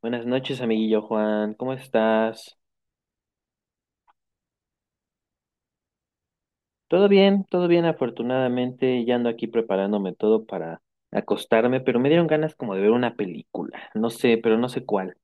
Buenas noches, amiguillo Juan. ¿Cómo estás? Todo bien, afortunadamente. Ya ando aquí preparándome todo para acostarme, pero me dieron ganas como de ver una película. No sé, pero no sé cuál.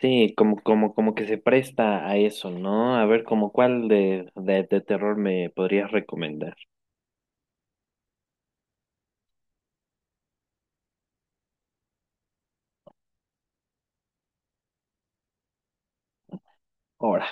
Sí, como, como que se presta a eso, ¿no? A ver, como cuál de terror me podrías recomendar. Ahora,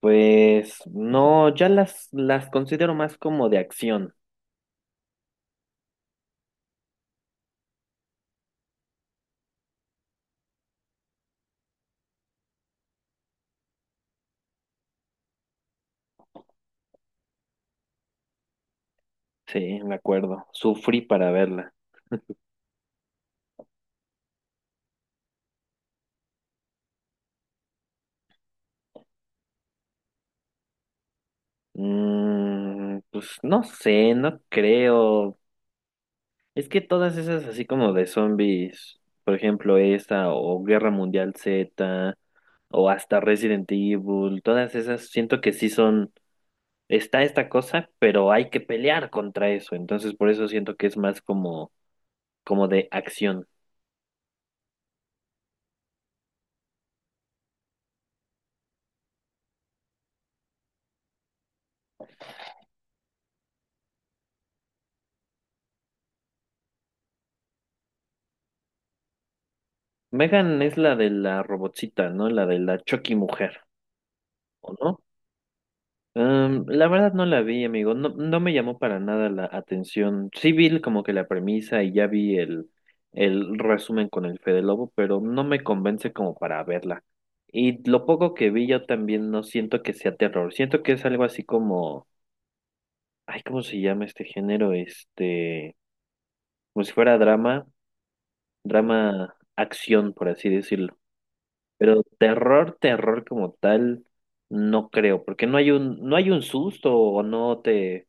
pues no, ya las considero más como de acción. Sí, me acuerdo. Sufrí para verla. Mm, pues no sé, no creo. Es que todas esas así como de zombies, por ejemplo esta o Guerra Mundial Z o hasta Resident Evil, todas esas siento que sí son, está esta cosa, pero hay que pelear contra eso, entonces por eso siento que es más como, como de acción. Megan es la de la robotcita, ¿no? La de la Chucky mujer, ¿o no? La verdad no la vi, amigo. No, no me llamó para nada la atención. Sí vi como que la premisa y ya vi el resumen con el Fede Lobo, pero no me convence como para verla. Y lo poco que vi yo también no siento que sea terror. Siento que es algo así como, ay, ¿cómo se llama este género? Este, como si fuera drama, drama acción, por así decirlo. Pero terror, terror como tal, no creo, porque no hay un, no hay un susto o no te,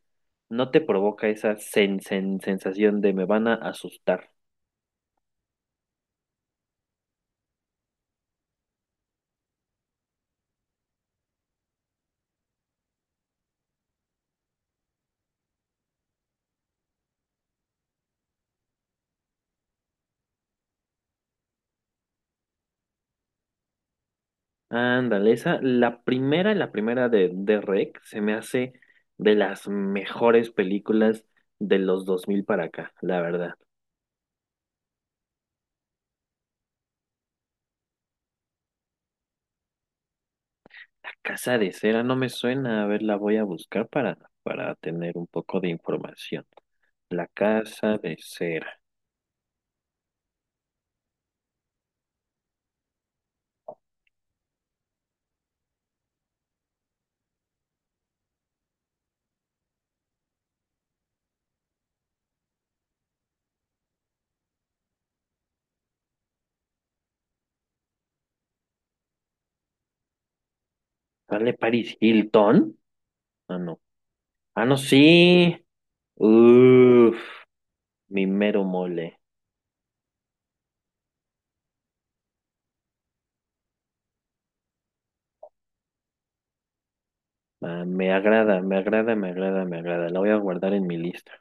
no te provoca esa sensación de me van a asustar. Ándale, esa, la primera de Rec se me hace de las mejores películas de los 2000 para acá, la verdad. La Casa de Cera no me suena, a ver, la voy a buscar para tener un poco de información. La Casa de Cera. ¿Sale Paris Hilton? Ah, no. Ah, no, sí. Uf, mi mero mole. Ah, me agrada, me agrada, me agrada, me agrada. La voy a guardar en mi lista.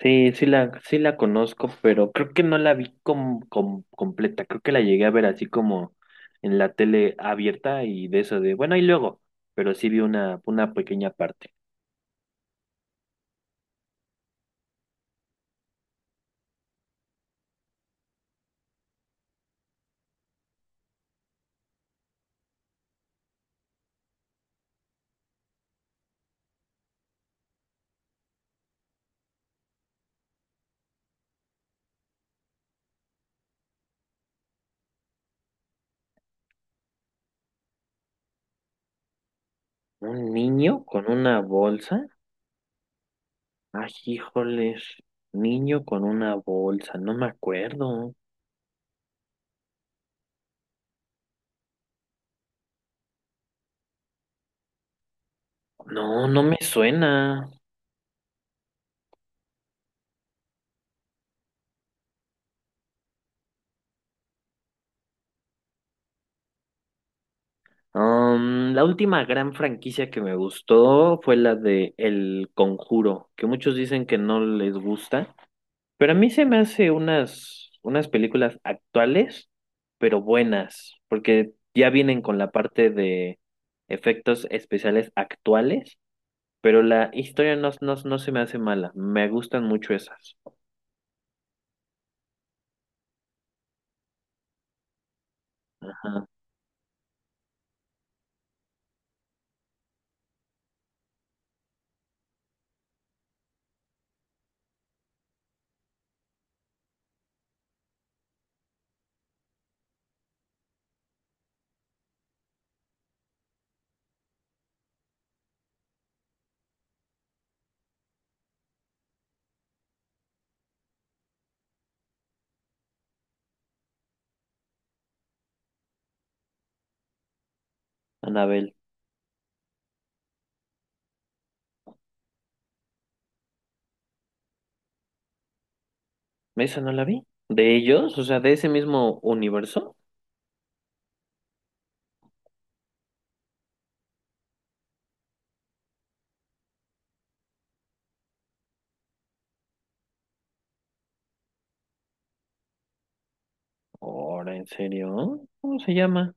Sí, sí la conozco, pero creo que no la vi completa. Creo que la llegué a ver así como en la tele abierta y de eso de, bueno, y luego, pero sí vi una pequeña parte. ¿Un niño con una bolsa? Ay, híjoles, niño con una bolsa, no me acuerdo. No, no me suena. La última gran franquicia que me gustó fue la de El Conjuro, que muchos dicen que no les gusta, pero a mí se me hace unas, unas películas actuales, pero buenas, porque ya vienen con la parte de efectos especiales actuales, pero la historia no, no, no se me hace mala, me gustan mucho esas. Ajá, Anabel, ¿esa no la vi? ¿De ellos? O sea, de ese mismo universo. Ahora, ¿en serio? ¿Cómo se llama?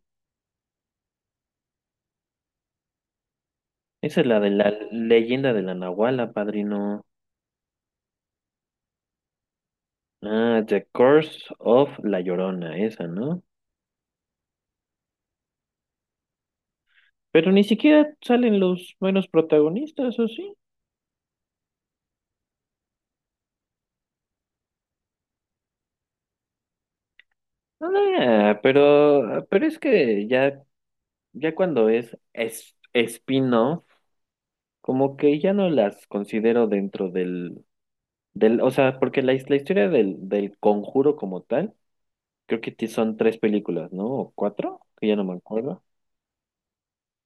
Esa es la de la leyenda de la Nahuala, padrino. Ah, The Curse of La Llorona, esa, ¿no? Pero ni siquiera salen los buenos protagonistas, ¿o sí? Ah, pero es que ya, ya cuando es spin-off, como que ya no las considero dentro del, del, o sea, porque la historia del conjuro como tal, creo que son tres películas, ¿no? ¿O cuatro? Que ya no me acuerdo.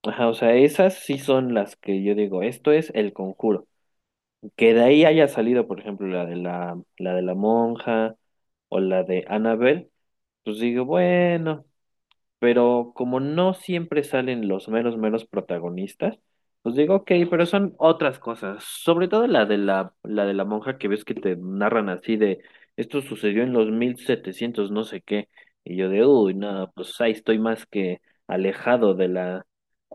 Ajá, o sea, esas sí son las que yo digo, esto es el conjuro. Que de ahí haya salido, por ejemplo, la de la de la monja o la de Annabelle, pues digo, bueno, pero como no siempre salen los meros, meros protagonistas, pues digo, ok, pero son otras cosas. Sobre todo la de la de la monja que ves que te narran así de, esto sucedió en los 1700 no sé qué, y yo de, uy, no, pues ahí estoy más que alejado de la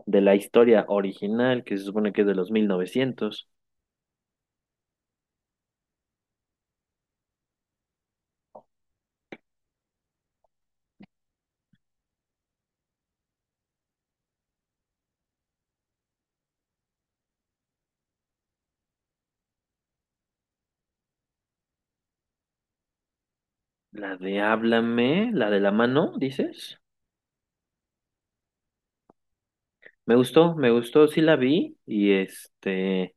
historia original, que se supone que es de los 1900. La de Háblame, la de la mano, dices. Me gustó, sí la vi y este,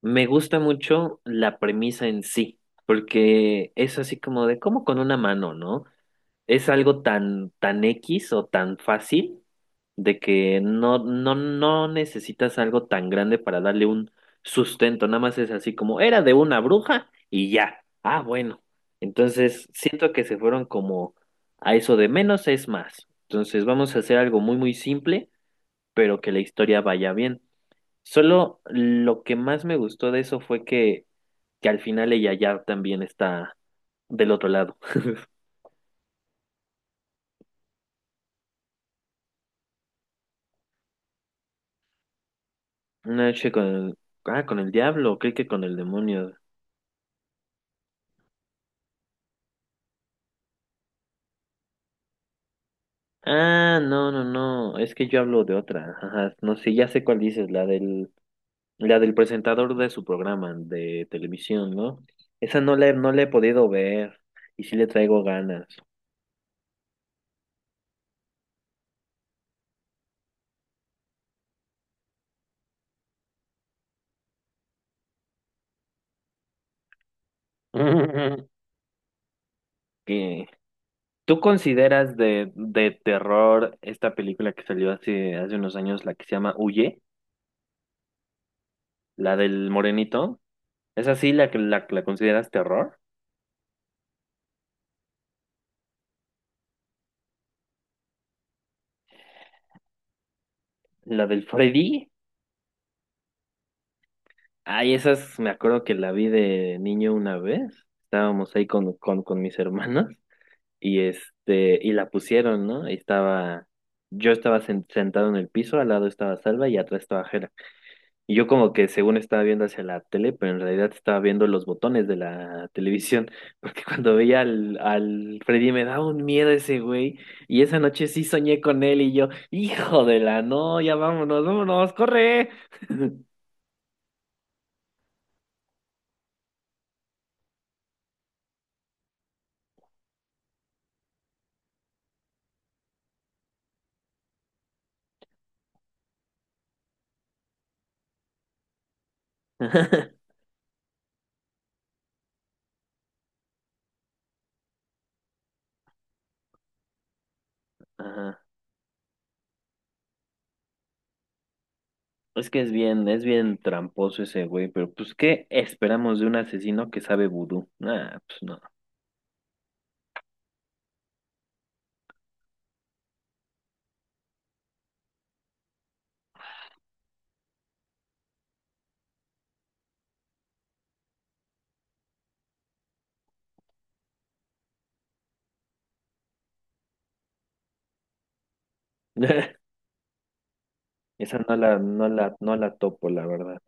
me gusta mucho la premisa en sí, porque es así como de cómo con una mano, ¿no? Es algo tan, tan X o tan fácil de que no, no, no necesitas algo tan grande para darle un sustento, nada más es así como era de una bruja y ya. Ah, bueno. Entonces, siento que se fueron como a eso de menos es más. Entonces, vamos a hacer algo muy, muy simple, pero que la historia vaya bien. Solo lo que más me gustó de eso fue que al final ella ya también está del otro lado. Una noche con el... Ah, con el diablo, creí que con el demonio. Ah, no, no, no, es que yo hablo de otra. Ajá, no sé, ya sé cuál dices, la del presentador de su programa de televisión, ¿no? Esa no no la he podido ver y sí le traigo ganas. ¿Qué? ¿Tú consideras de terror esta película que salió hace, hace unos años, la que se llama Huye? La del morenito. ¿Es así la que que la consideras terror? ¿La del Freddy? Ay, esas me acuerdo que la vi de niño una vez. Estábamos ahí con mis hermanos y este, y la pusieron, ¿no? Y estaba, yo estaba sentado en el piso, al lado estaba Salva y atrás estaba Jera. Y yo como que según estaba viendo hacia la tele, pero en realidad estaba viendo los botones de la televisión, porque cuando veía al Freddy me daba un miedo ese güey. Y esa noche sí soñé con él y yo, hijo de la, no, ya vámonos, vámonos, corre. Ajá. Es que es bien tramposo ese güey, pero pues, ¿qué esperamos de un asesino que sabe vudú? Ah, pues no. Esa no la topo, la verdad.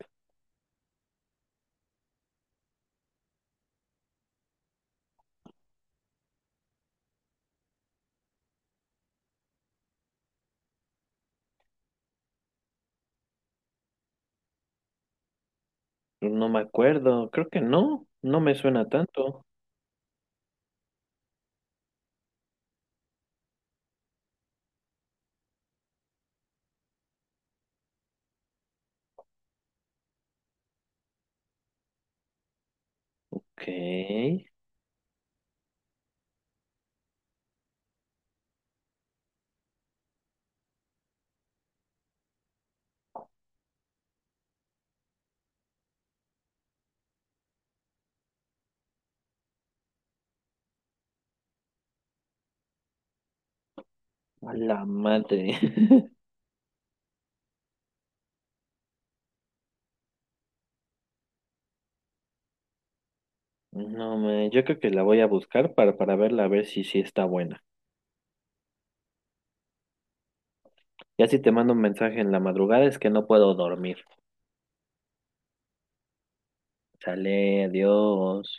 No me acuerdo, creo que no, no me suena tanto. Ok, a la madre. No, me, yo creo que la voy a buscar para verla, a ver si sí está buena. Ya si te mando un mensaje en la madrugada es que no puedo dormir. Sale, adiós.